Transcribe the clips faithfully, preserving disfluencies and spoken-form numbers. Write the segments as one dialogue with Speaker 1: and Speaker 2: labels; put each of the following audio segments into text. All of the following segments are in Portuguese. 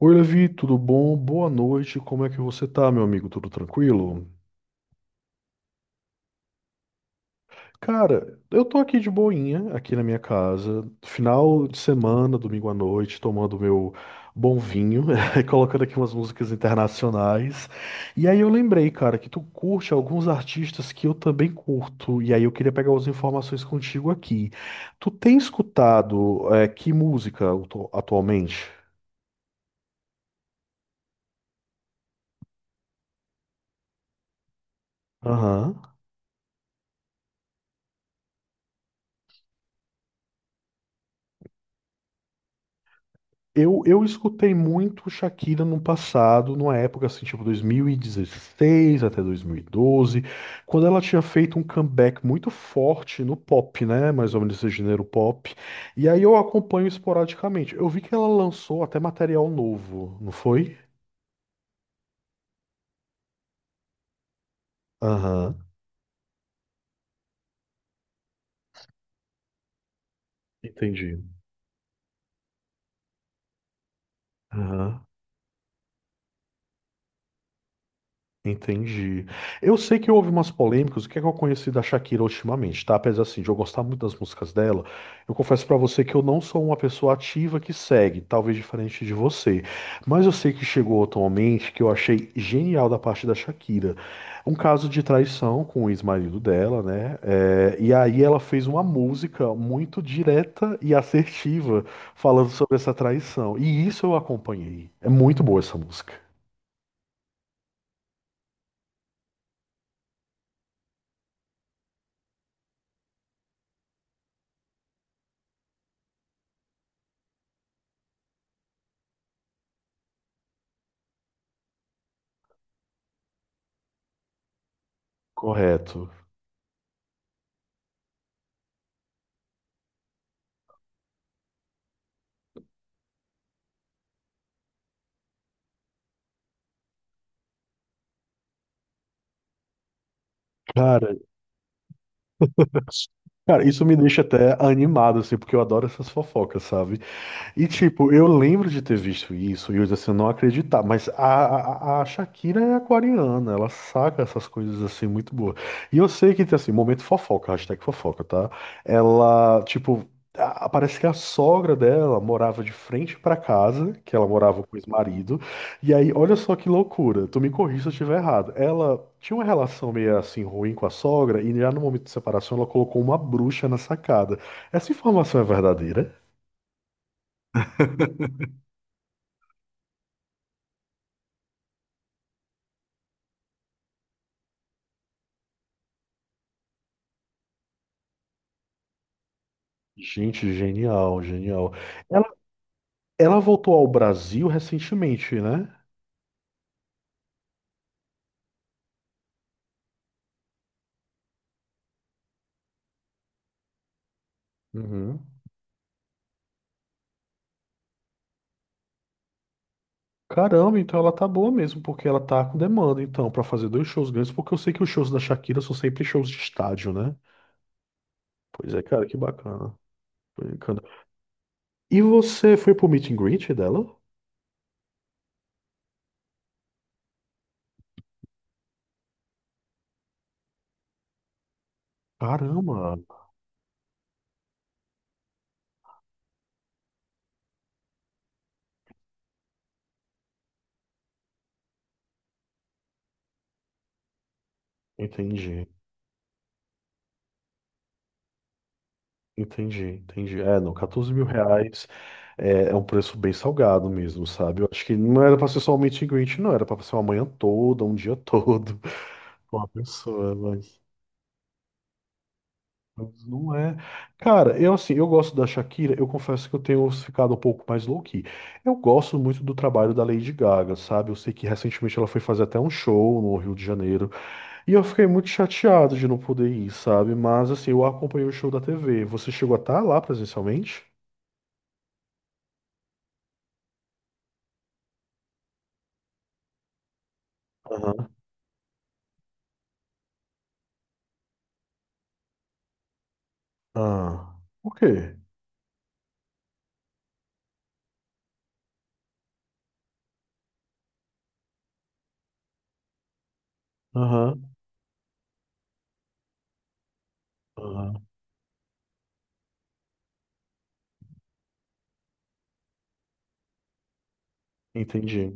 Speaker 1: Oi, Levi, tudo bom? Boa noite. Como é que você tá, meu amigo? Tudo tranquilo? Cara, eu tô aqui de boinha, aqui na minha casa, final de semana, domingo à noite, tomando meu bom vinho, e colocando aqui umas músicas internacionais. E aí eu lembrei, cara, que tu curte alguns artistas que eu também curto, e aí eu queria pegar as informações contigo aqui. Tu tem escutado, eh, que música atu- atualmente? Aham. Eu, eu escutei muito Shakira no passado, numa época assim, tipo dois mil e dezesseis até dois mil e doze, quando ela tinha feito um comeback muito forte no pop, né? Mais ou menos esse gênero pop. E aí eu acompanho esporadicamente. Eu vi que ela lançou até material novo, não foi? Aham, entendi. Aham. Entendi. Eu sei que houve umas polêmicas, o que é que eu conheci da Shakira ultimamente, tá? Apesar assim, de eu gostar muito das músicas dela, eu confesso pra você que eu não sou uma pessoa ativa que segue, talvez diferente de você. Mas eu sei que chegou atualmente que eu achei genial da parte da Shakira. Um caso de traição com o ex-marido dela, né? É, e aí ela fez uma música muito direta e assertiva falando sobre essa traição. E isso eu acompanhei. É muito boa essa música. Correto. Cara, Cara, isso me deixa até animado, assim, porque eu adoro essas fofocas, sabe? E tipo, eu lembro de ter visto isso e eu assim, não acreditar, mas a, a, a Shakira é aquariana, ela saca essas coisas assim muito boas. E eu sei que tem assim, momento fofoca, hashtag fofoca, tá? Ela, tipo, a- parece que a sogra dela morava de frente pra casa, que ela morava com o ex-marido. E aí, olha só que loucura, tu me corrija se eu estiver errado. Ela tinha uma relação meio assim ruim com a sogra e já no momento de separação ela colocou uma bruxa na sacada. Essa informação é verdadeira? Gente, genial, genial. Ela, ela voltou ao Brasil recentemente, né? Uhum. Caramba, então ela tá boa mesmo, porque ela tá com demanda, então, pra fazer dois shows grandes, porque eu sei que os shows da Shakira são sempre shows de estádio, né? Pois é, cara, que bacana. Bacana. E você foi pro meet and greet dela? Caramba, entendi, entendi, entendi. É, não, quatorze mil reais é, é um preço bem salgado mesmo, sabe? Eu acho que não era pra ser só um meet and greet, não, era pra ser uma manhã toda, um dia todo. Com a pessoa, mas, mas não é. Cara, eu assim, eu gosto da Shakira, eu confesso que eu tenho ficado um pouco mais low-key. Eu gosto muito do trabalho da Lady Gaga, sabe? Eu sei que recentemente ela foi fazer até um show no Rio de Janeiro, e eu fiquei muito chateado de não poder ir, sabe? Mas assim, eu acompanhei o show da T V. Você chegou a estar lá presencialmente? Aham. Ah, o quê? Aham, aham, entendi.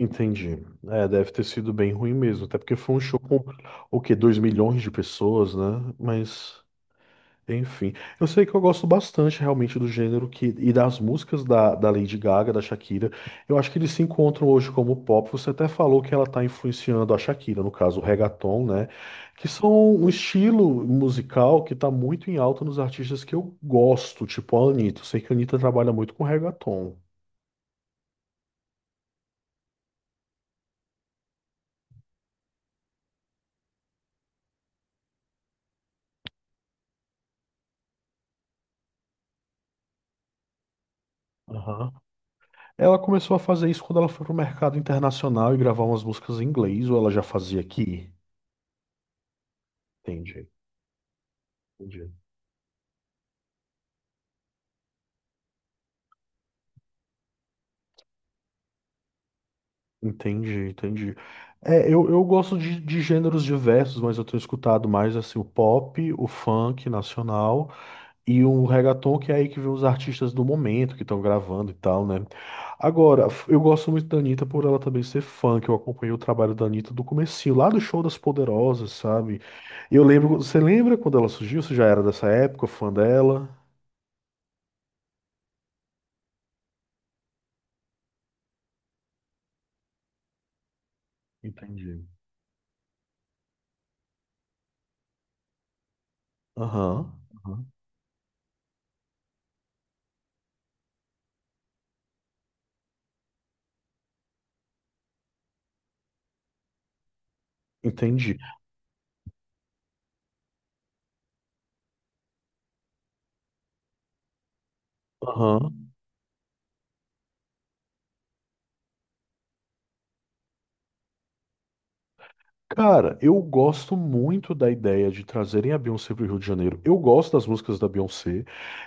Speaker 1: Entendi. É, deve ter sido bem ruim mesmo, até porque foi um show com o quê? Dois milhões de pessoas, né? Mas, enfim. Eu sei que eu gosto bastante realmente do gênero que, e das músicas da, da Lady Gaga, da Shakira. Eu acho que eles se encontram hoje como pop. Você até falou que ela está influenciando a Shakira, no caso, o reggaeton, né? Que são um estilo musical que está muito em alta nos artistas que eu gosto, tipo a Anitta. Eu sei que a Anitta trabalha muito com reggaeton. Ela começou a fazer isso quando ela foi pro mercado internacional e gravar umas músicas em inglês, ou ela já fazia aqui? Entendi, entendi. Entendi, entendi. É, eu, eu gosto de, de gêneros diversos, mas eu tenho escutado mais assim o pop, o funk nacional e o reggaeton, que é aí que vem os artistas do momento que estão gravando e tal, né? Agora, f- eu gosto muito da Anitta por ela também ser funk. Eu acompanhei o trabalho da Anitta do comecinho, lá do Show das Poderosas, sabe? Eu lembro, você lembra quando ela surgiu? Você já era dessa época, fã dela? Entendi. Aham. Aham, entendi. Aham. Cara, eu gosto muito da ideia de trazerem a Beyoncé pro Rio de Janeiro. Eu gosto das músicas da Beyoncé.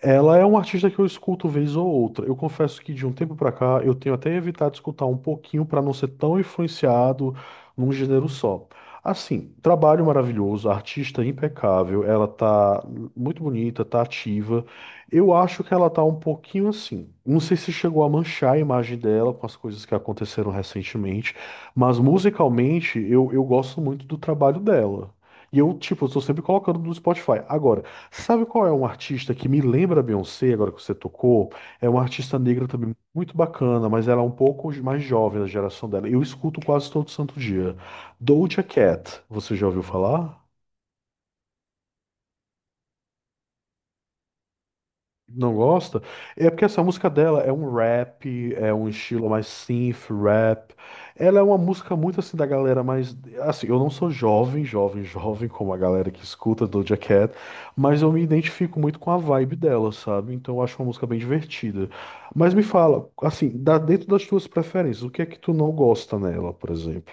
Speaker 1: Ela é uma artista que eu escuto vez ou outra. Eu confesso que de um tempo pra cá eu tenho até evitado escutar um pouquinho pra não ser tão influenciado num gênero só. Assim, trabalho maravilhoso, artista impecável, ela tá muito bonita, tá ativa. Eu acho que ela tá um pouquinho assim. Não sei se chegou a manchar a imagem dela com as coisas que aconteceram recentemente. Mas musicalmente, eu, eu gosto muito do trabalho dela. E eu, tipo, estou sempre colocando no Spotify. Agora, sabe qual é um artista que me lembra a Beyoncé, agora que você tocou? É uma artista negra também muito bacana, mas ela é um pouco mais jovem da geração dela. Eu escuto quase todo santo dia. Doja Cat, você já ouviu falar? Não gosta? É porque essa música dela é um rap, é um estilo mais synth rap. Ela é uma música muito assim da galera mais. Assim, eu não sou jovem, jovem, jovem, como a galera que escuta Doja Cat, mas eu me identifico muito com a vibe dela, sabe? Então eu acho uma música bem divertida. Mas me fala, assim, dá dentro das tuas preferências, o que é que tu não gosta nela, por exemplo?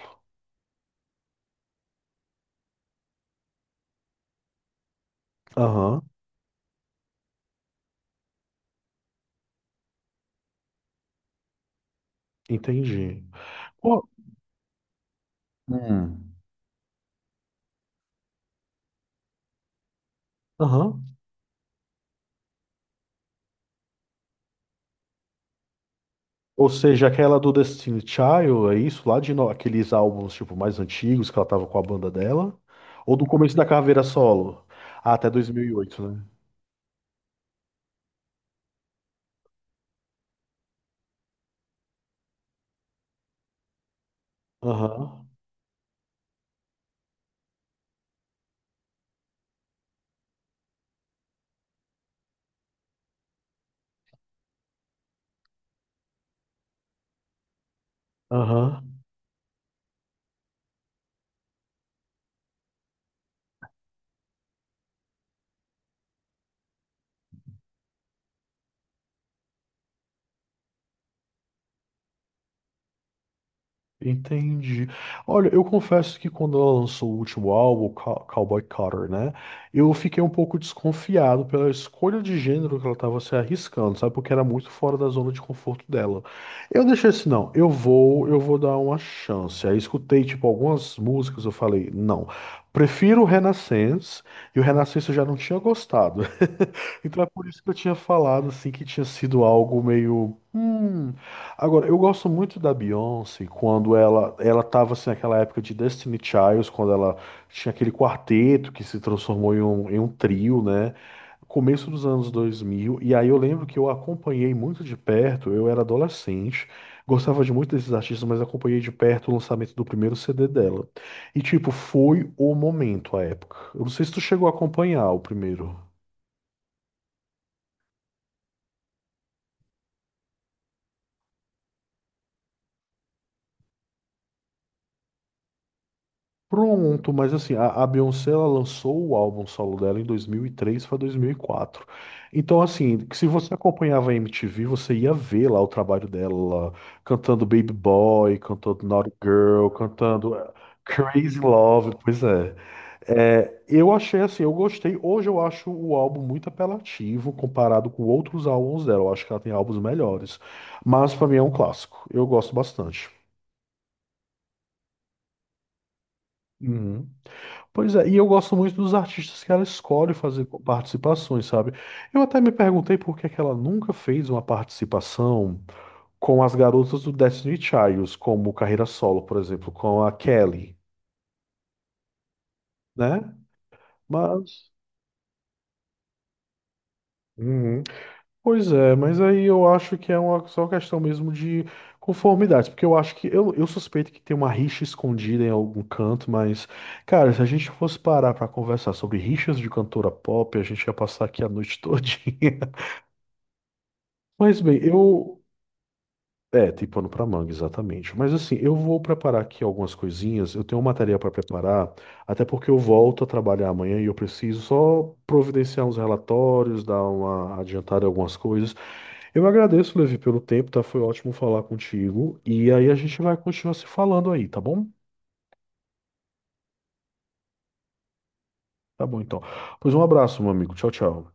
Speaker 1: Aham, entendi. Pô, hum. Aham. Ou seja, aquela do Destiny Child, é isso? Lá de no- aqueles álbuns tipo mais antigos que ela tava com a banda dela? Ou do começo da carreira solo? Ah, até dois mil e oito, né? Aham. Aham. Entendi. Olha, eu confesso que quando ela lançou o último álbum, Cow- Cowboy Carter, né? Eu fiquei um pouco desconfiado pela escolha de gênero que ela estava se arriscando, sabe? Porque era muito fora da zona de conforto dela. Eu deixei assim, não, eu vou, eu vou dar uma chance. Aí escutei, tipo, algumas músicas, eu falei, não, prefiro o Renaissance, e o Renaissance eu já não tinha gostado. Então é por isso que eu tinha falado assim que tinha sido algo meio. Hum. Agora, eu gosto muito da Beyoncé quando ela ela tava assim naquela época de Destiny Child, quando ela tinha aquele quarteto que se transformou em um, em um trio, né? Começo dos anos dois mil e aí eu lembro que eu acompanhei muito de perto, eu era adolescente, gostava de muito desses artistas, mas acompanhei de perto o lançamento do primeiro C D dela. E tipo, foi o momento, a época. Eu não sei se tu chegou a acompanhar o primeiro. Pronto, mas assim, a, a Beyoncé ela lançou o álbum solo dela em dois mil e três para dois mil e quatro. Então, assim, que se você acompanhava a M T V, você ia ver lá o trabalho dela cantando Baby Boy, cantando Naughty Girl, cantando eh, Crazy Love. Pois é. É, eu achei assim, eu gostei. Hoje eu acho o álbum muito apelativo comparado com outros álbuns dela. Eu acho que ela tem álbuns melhores. Mas para mim é um clássico. Eu gosto bastante. Uhum. Pois é, e eu gosto muito dos artistas que ela escolhe fazer co- participações, sabe? Eu até me perguntei por que que ela nunca fez uma participação com as garotas do Destiny Childs, como carreira solo, por exemplo, com a Kelly, né? Mas. Uhum. Pois é, mas aí eu acho que é uma só questão mesmo de conformidade, porque eu acho que. Eu, eu suspeito que tem uma rixa escondida em algum canto, mas. Cara, se a gente fosse parar pra conversar sobre rixas de cantora pop, a gente ia passar aqui a noite todinha. Mas bem, eu. É, tem pano pra manga, exatamente. Mas assim, eu vou preparar aqui algumas coisinhas. Eu tenho uma tarefa para preparar, até porque eu volto a trabalhar amanhã e eu preciso só providenciar uns relatórios, dar uma adiantada em algumas coisas. Eu agradeço, Levi, pelo tempo, tá? Foi ótimo falar contigo. E aí a gente vai continuar se falando aí, tá bom? Tá bom, então. Pois um abraço, meu amigo. Tchau, tchau.